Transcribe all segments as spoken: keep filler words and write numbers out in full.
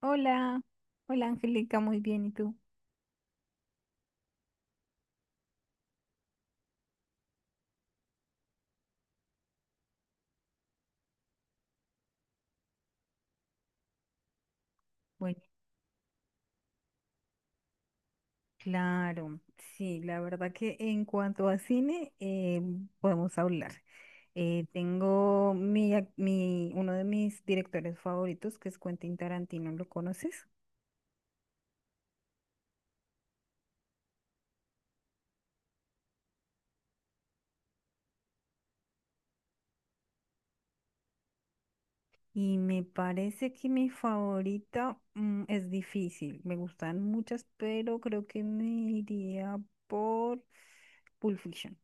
Hola, hola Angélica, muy bien, ¿y tú? Bueno, claro, sí, la verdad que en cuanto a cine eh, podemos hablar. Eh, tengo mi, ac- mi, uno de mis directores favoritos, que es Quentin Tarantino, ¿lo conoces? Y me parece que mi favorita mm, es difícil, me gustan muchas, pero creo que me iría por Pulp Fiction,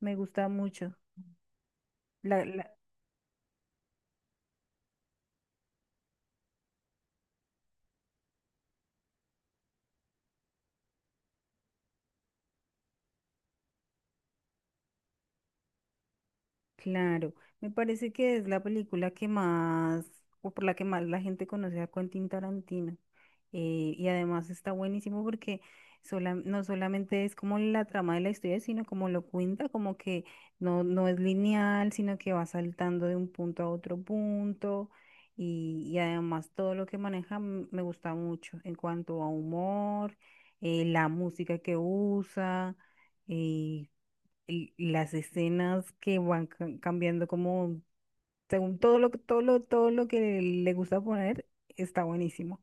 me gusta mucho. La la Claro, me parece que es la película que más, o por la que más la gente conoce a Quentin Tarantino. Eh, y además está buenísimo porque sola- no solamente es como la trama de la historia, sino como lo cuenta, como que no, no es lineal, sino que va saltando de un punto a otro punto. Y, y además todo lo que maneja m- me gusta mucho en cuanto a humor, eh, la música que usa. eh, y y las escenas que van ca- cambiando como según todo lo que todo lo todo lo que le gusta poner está buenísimo.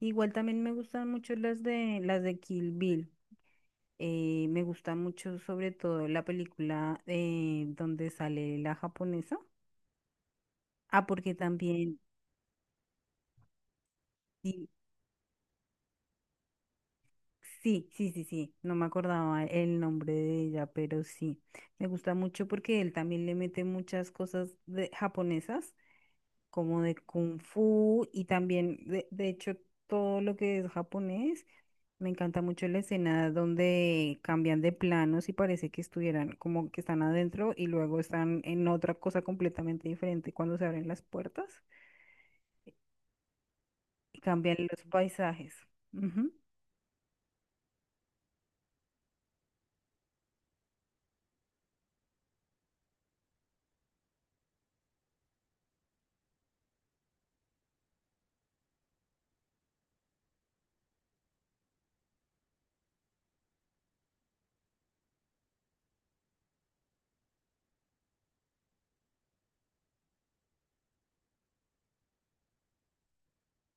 Igual también me gustan mucho las de las de Kill Bill. Eh, me gusta mucho sobre todo la película eh, donde sale la japonesa. Ah, porque también sí, sí, sí, sí, sí, no me acordaba el nombre de ella, pero sí. Me gusta mucho porque él también le mete muchas cosas de japonesas como de kung fu y también, de, de hecho, todo lo que es japonés. Me encanta mucho la escena donde cambian de planos y parece que estuvieran como que están adentro y luego están en otra cosa completamente diferente cuando se abren las puertas y cambian los paisajes. Ujú.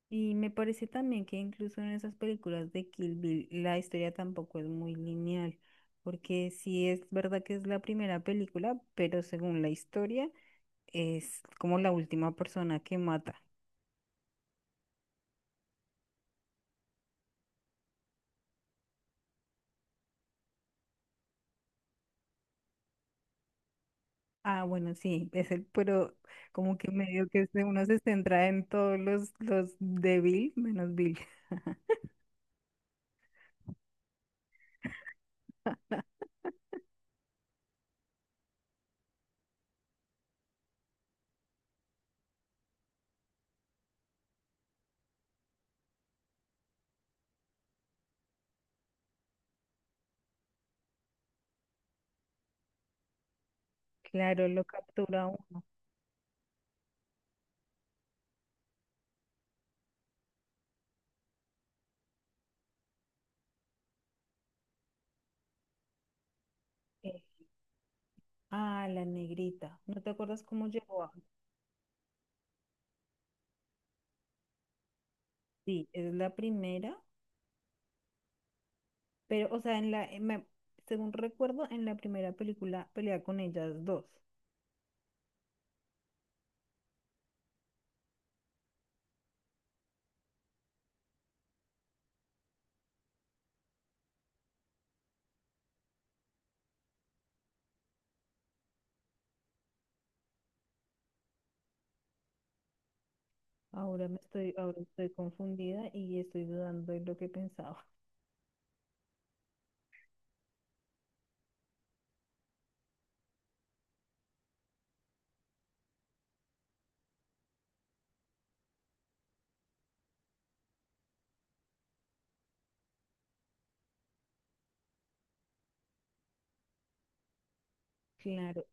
Y me parece también que incluso en esas películas de Kill Bill la historia tampoco es muy lineal, porque sí es verdad que es la primera película, pero según la historia es como la última persona que mata. Ah, bueno, sí, es el, pero como que medio que se- uno se centra en todos los, los de Bill, menos Bill. Claro, lo captura uno. Eh, ah, la negrita. ¿No te acuerdas cómo llegó? A- Sí, es la primera, pero, o sea, en la, en la- según recuerdo, en la primera película pelea con ellas dos. Ahora me estoy, ahora estoy confundida y estoy dudando de lo que pensaba. Claro.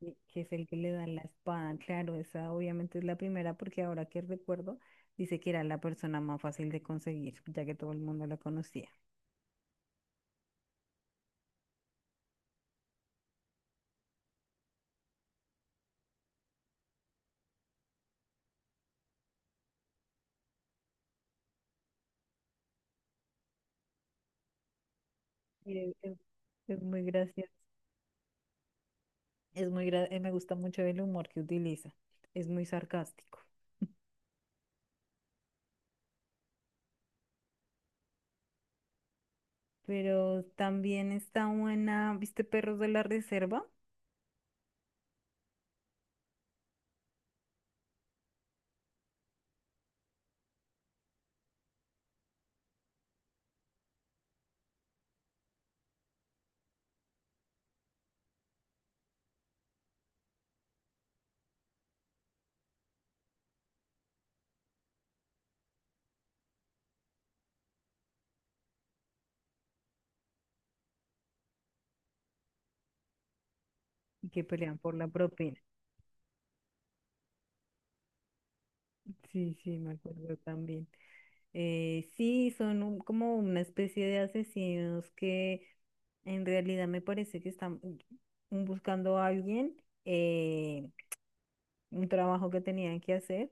que que es el que le da la espada. Claro, esa obviamente es la primera porque ahora que recuerdo, dice que era la persona más fácil de conseguir, ya que todo el mundo la conocía. Eh, Es, es muy gracioso. Es muy gra- eh, me gusta mucho el humor que utiliza. Es muy sarcástico. Pero también está buena, ¿viste? Perros de la reserva y que pelean por la propina. Sí, sí, me acuerdo también. Eh, sí, son un- como una especie de asesinos que en realidad me parece que están mm, buscando a alguien, eh, un trabajo que tenían que hacer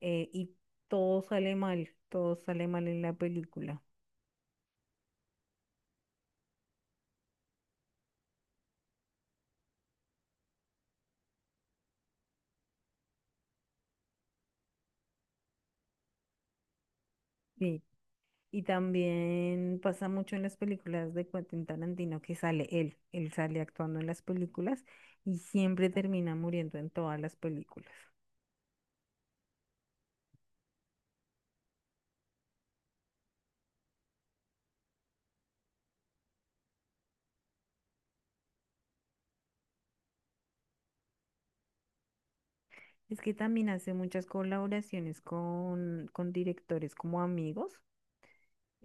eh, y todo sale mal, todo sale mal en la película. Sí. Y también pasa mucho en las películas de Quentin Tarantino que sale él, él sale actuando en las películas y siempre termina muriendo en todas las películas. Es que también hace muchas colaboraciones con, con directores como amigos.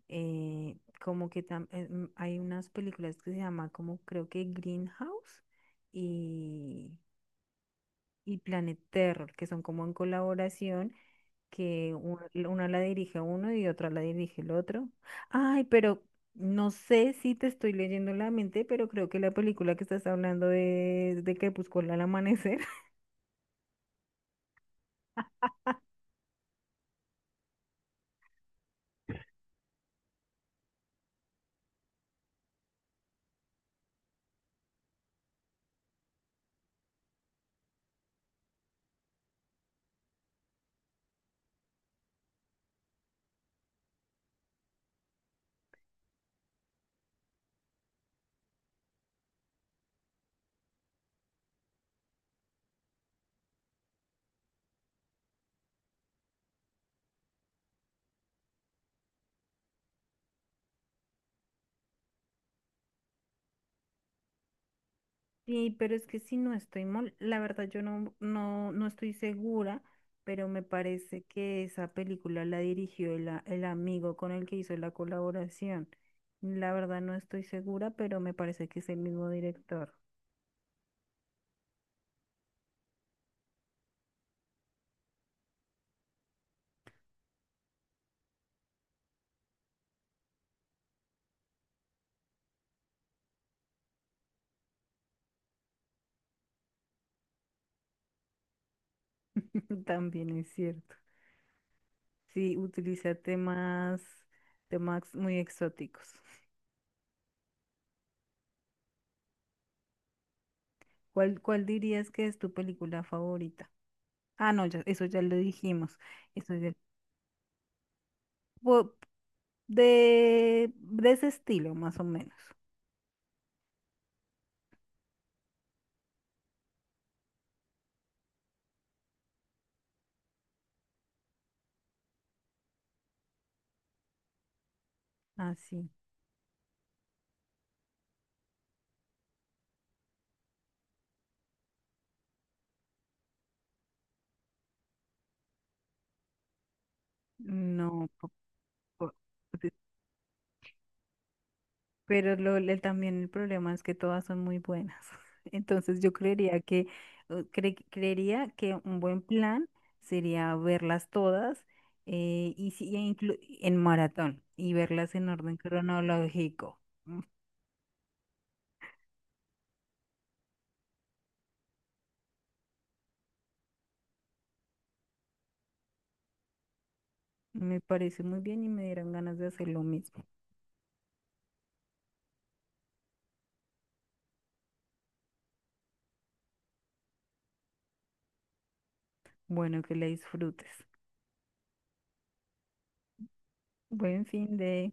eh, como que tam- eh, mm, hay unas películas que se llama como creo que Greenhouse y, y Planet Terror, que son como en colaboración, que una, una la dirige uno y otra la dirige el otro. Ay, pero no sé si te estoy leyendo la mente, pero creo que la película que estás hablando es de Crepúsculo al amanecer. Sí, pero es que si no estoy mal, la verdad yo no, no, no estoy segura, pero me parece que esa película la dirigió el, a- el amigo con el que hizo la colaboración. La verdad no estoy segura, pero me parece que es el mismo director. También es cierto. Sí, utiliza temas, temas muy exóticos. ¿Cuál, cuál dirías que es tu película favorita? Ah, no, ya- eso ya lo dijimos. Eso ya- po- de, de ese estilo, más o menos. Ah, sí. No, po- po- pe- pero lo, le- también el problema es que todas son muy buenas. Entonces yo creería que, eh, cre- creería que un buen plan sería verlas todas eh, y si, e inclu- en maratón y verlas en orden cronológico. Me parece muy bien y me dieron ganas de hacer lo mismo. Bueno, que la disfrutes. Buen fin de...